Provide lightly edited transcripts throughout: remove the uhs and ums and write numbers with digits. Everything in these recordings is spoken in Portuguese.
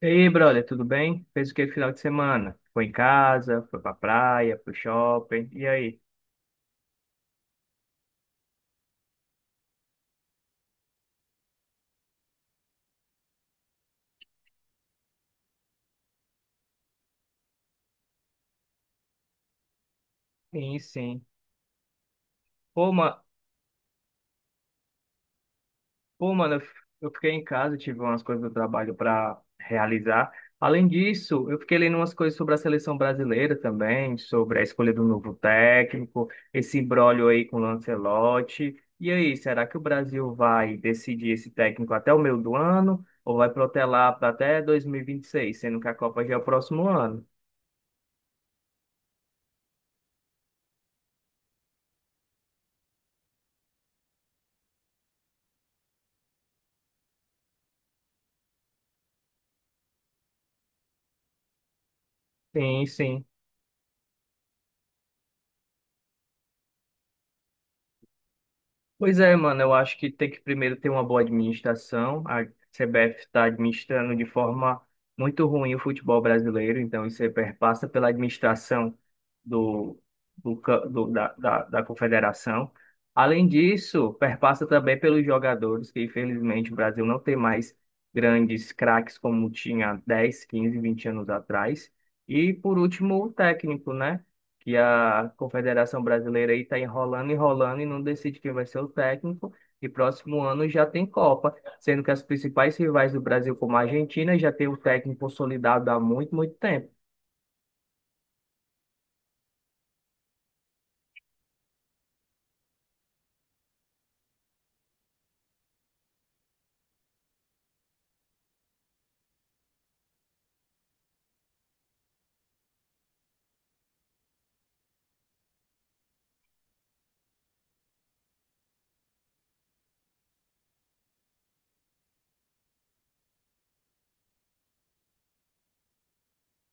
E aí, brother, tudo bem? Fez o que no final de semana? Foi em casa, foi pra praia, pro shopping, e aí? Sim, sim. Pô, ma... Pô, mano, eu fiquei em casa, tive umas coisas do trabalho pra realizar. Além disso, eu fiquei lendo umas coisas sobre a seleção brasileira também, sobre a escolha do novo técnico, esse imbróglio aí com o Lancelotti. E aí, será que o Brasil vai decidir esse técnico até o meio do ano? Ou vai protelar para até 2026, sendo que a Copa já é o próximo ano? Sim, sim. Pois é, mano, eu acho que tem que primeiro ter uma boa administração. A CBF está administrando de forma muito ruim o futebol brasileiro, então isso aí perpassa pela administração do, do, ca- do- da, da, da confederação. Além disso, perpassa também pelos jogadores, que infelizmente o Brasil não tem mais grandes craques como tinha 10, 15, 20 anos atrás. E por último, o técnico, né? Que a Confederação Brasileira aí está enrolando, enrolando e não decide quem vai ser o técnico. E próximo ano já tem Copa, sendo que as principais rivais do Brasil, como a Argentina, já tem o técnico consolidado há muito, muito tempo.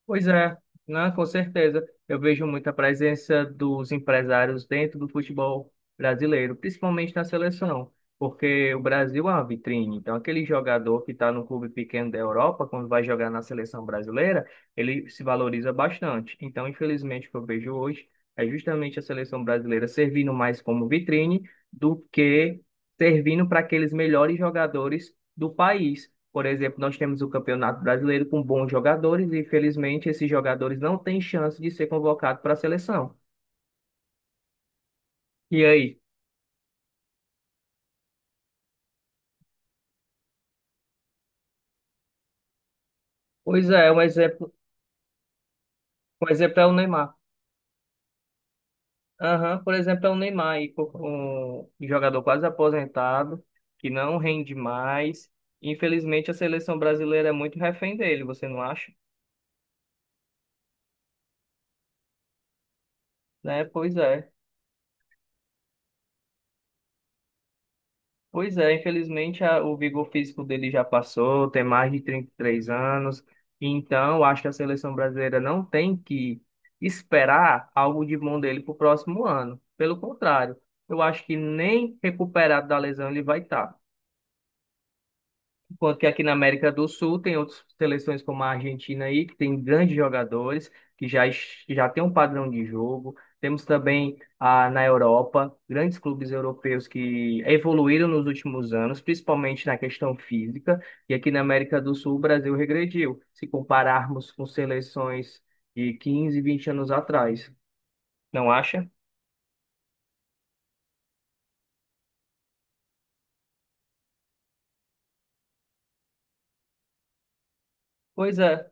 Pois é, né? Com certeza. Eu vejo muita presença dos empresários dentro do futebol brasileiro, principalmente na seleção, porque o Brasil é uma vitrine. Então, aquele jogador que está no clube pequeno da Europa, quando vai jogar na seleção brasileira, ele se valoriza bastante. Então, infelizmente, o que eu vejo hoje é justamente a seleção brasileira servindo mais como vitrine do que servindo para aqueles melhores jogadores do país. Por exemplo, nós temos o Campeonato Brasileiro com bons jogadores e, infelizmente, esses jogadores não têm chance de ser convocado para a seleção. E aí? Pois é, um exemplo é o Neymar. Aham, por exemplo, é o Neymar, um jogador quase aposentado, que não rende mais. Infelizmente, a seleção brasileira é muito refém dele, você não acha? Né? Pois é. Pois é, infelizmente o vigor físico dele já passou, tem mais de 33 anos, então eu acho que a seleção brasileira não tem que esperar algo de bom dele para o próximo ano. Pelo contrário, eu acho que nem recuperado da lesão ele vai estar. Enquanto que aqui na América do Sul tem outras seleções como a Argentina aí, que tem grandes jogadores, que já tem um padrão de jogo. Temos também na Europa, grandes clubes europeus que evoluíram nos últimos anos, principalmente na questão física. E aqui na América do Sul, o Brasil regrediu, se compararmos com seleções de 15, 20 anos atrás. Não acha? Pois é.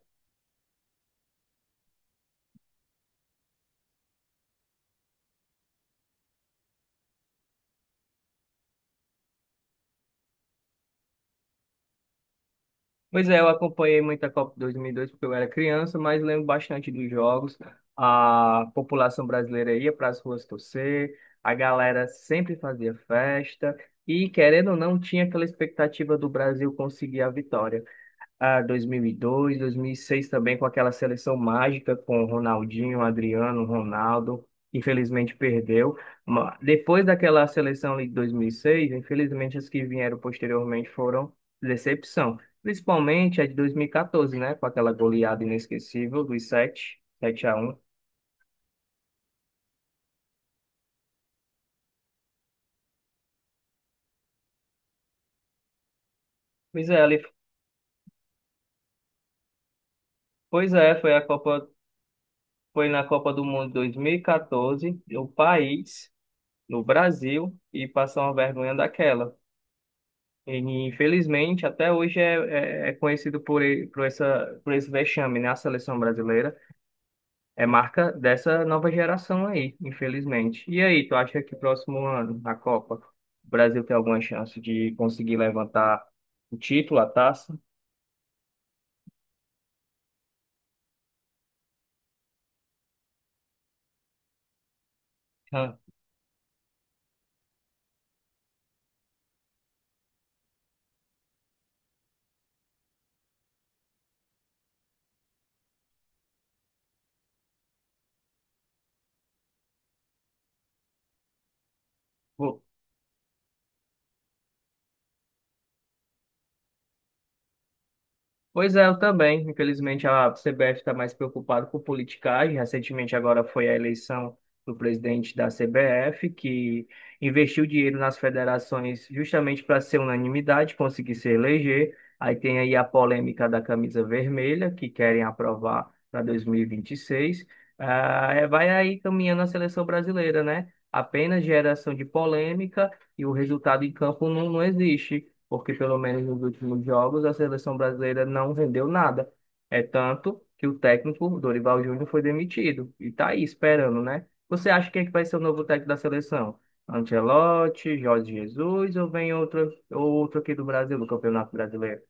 Pois é, eu acompanhei muito a Copa 2002 porque eu era criança, mas lembro bastante dos jogos. A população brasileira ia para as ruas torcer, a galera sempre fazia festa e, querendo ou não, tinha aquela expectativa do Brasil conseguir a vitória a 2002, 2006 também com aquela seleção mágica com Ronaldinho, Adriano, Ronaldo. Infelizmente perdeu. Depois daquela seleção ali de 2006, infelizmente as que vieram posteriormente foram decepção. Principalmente a de 2014, né? Com aquela goleada inesquecível dos 7 a 1. Pois é, ali- pois é, foi na Copa do Mundo 2014, no Brasil, e passou uma vergonha daquela. E, infelizmente, até hoje é conhecido por, e- por, essa, por esse vexame, né? A seleção brasileira é marca dessa nova geração aí, infelizmente. E aí, tu acha que próximo ano, na Copa, o Brasil tem alguma chance de conseguir levantar o título, a taça? Ah. Pois é, eu também. Infelizmente, a CBF está mais preocupada com politicagem. Recentemente, agora foi a eleição do presidente da CBF, que investiu dinheiro nas federações justamente para ser unanimidade, conseguir se eleger. Aí tem aí a polêmica da camisa vermelha, que querem aprovar para 2026. Ah, é, vai aí caminhando a seleção brasileira, né? Apenas geração de polêmica e o resultado em campo não existe porque pelo menos nos últimos jogos a seleção brasileira não rendeu nada. É tanto que o técnico Dorival Júnior foi demitido e tá aí esperando, né? Você acha quem é que vai ser o novo técnico da seleção? Ancelotti, Jorge Jesus ou vem outro, ou outro aqui do Brasil, do Campeonato Brasileiro?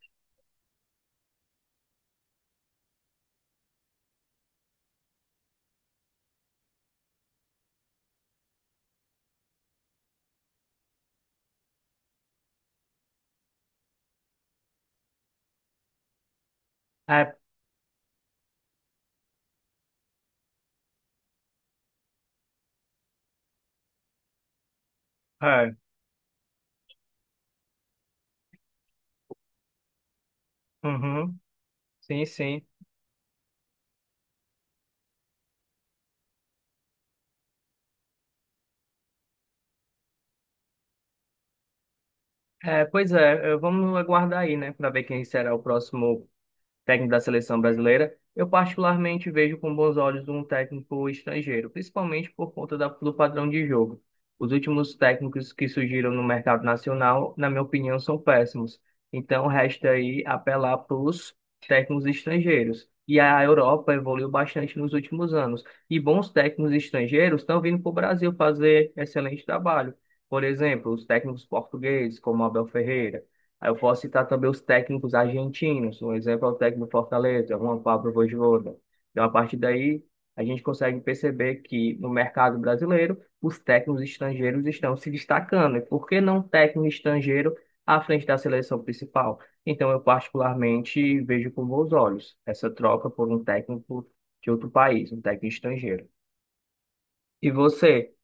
É, é, uhum, sim, sim. Vamos aguardar aí, né, para ver quem será o próximo técnico da seleção brasileira. Eu particularmente vejo com bons olhos um técnico estrangeiro, principalmente por conta do padrão de jogo. Os últimos técnicos que surgiram no mercado nacional, na minha opinião, são péssimos. Então, resta aí apelar para os técnicos estrangeiros. E a Europa evoluiu bastante nos últimos anos. E bons técnicos estrangeiros estão vindo para o Brasil fazer excelente trabalho. Por exemplo, os técnicos portugueses, como Abel Ferreira. Aí eu posso citar também os técnicos argentinos. Um exemplo é o técnico do Fortaleza, Juan Pablo Vojvoda. Então, a partir daí, a gente consegue perceber que no mercado brasileiro, os técnicos estrangeiros estão se destacando. E por que não técnico estrangeiro à frente da seleção principal? Então, eu particularmente vejo com bons olhos essa troca por um técnico de outro país, um técnico estrangeiro. E você?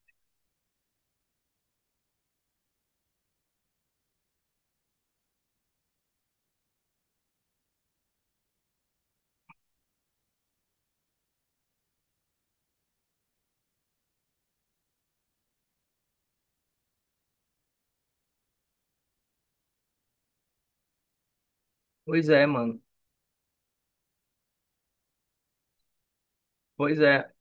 Pois é, mano. Pois é.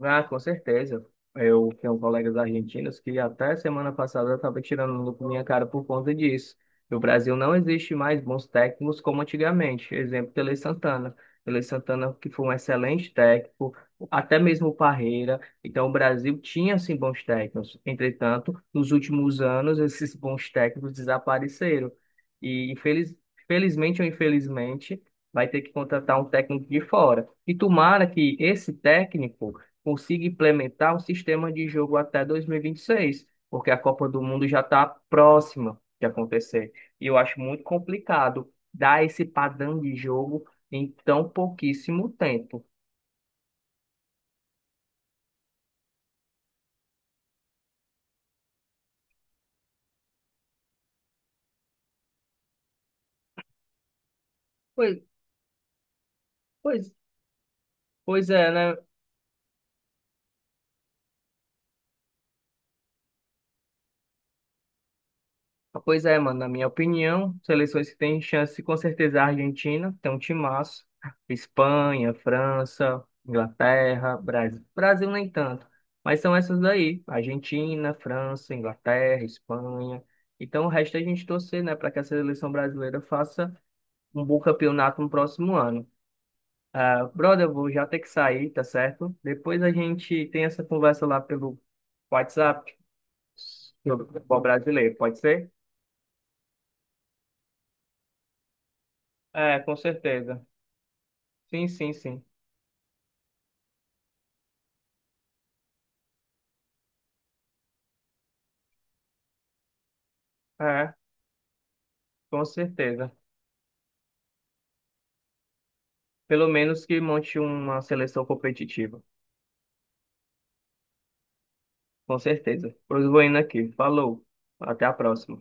Ah, com certeza. Eu tenho colegas argentinos que até semana passada estavam tirando no com minha cara por conta disso. No Brasil não existe mais bons técnicos como antigamente. Exemplo, Tele Santana. Tele Santana que foi um excelente técnico, até mesmo o Parreira. Então o Brasil tinha sim bons técnicos. Entretanto, nos últimos anos esses bons técnicos desapareceram. E infeliz... felizmente ou infelizmente vai ter que contratar um técnico de fora. E tomara que esse técnico consiga implementar um sistema de jogo até 2026, porque a Copa do Mundo já está próxima de acontecer. E eu acho muito complicado dar esse padrão de jogo em tão pouquíssimo tempo. Pois, pois, pois é, né? Ah, pois é, mano, na minha opinião, seleções que têm chance, com certeza é a Argentina, tem um timaço. Espanha, França, Inglaterra, Brasil. Brasil nem tanto, mas são essas daí. Argentina, França, Inglaterra, Espanha. Então o resto é a gente torcer, né, para que a seleção brasileira faça um bom campeonato no próximo ano. Ah, brother, eu vou já ter que sair, tá certo? Depois a gente tem essa conversa lá pelo WhatsApp sobre o futebol brasileiro, pode ser? É, com certeza. Sim, sim, sim. É, com certeza. Pelo menos que monte uma seleção competitiva. Com certeza. Pois vou indo aqui. Falou. Até a próxima.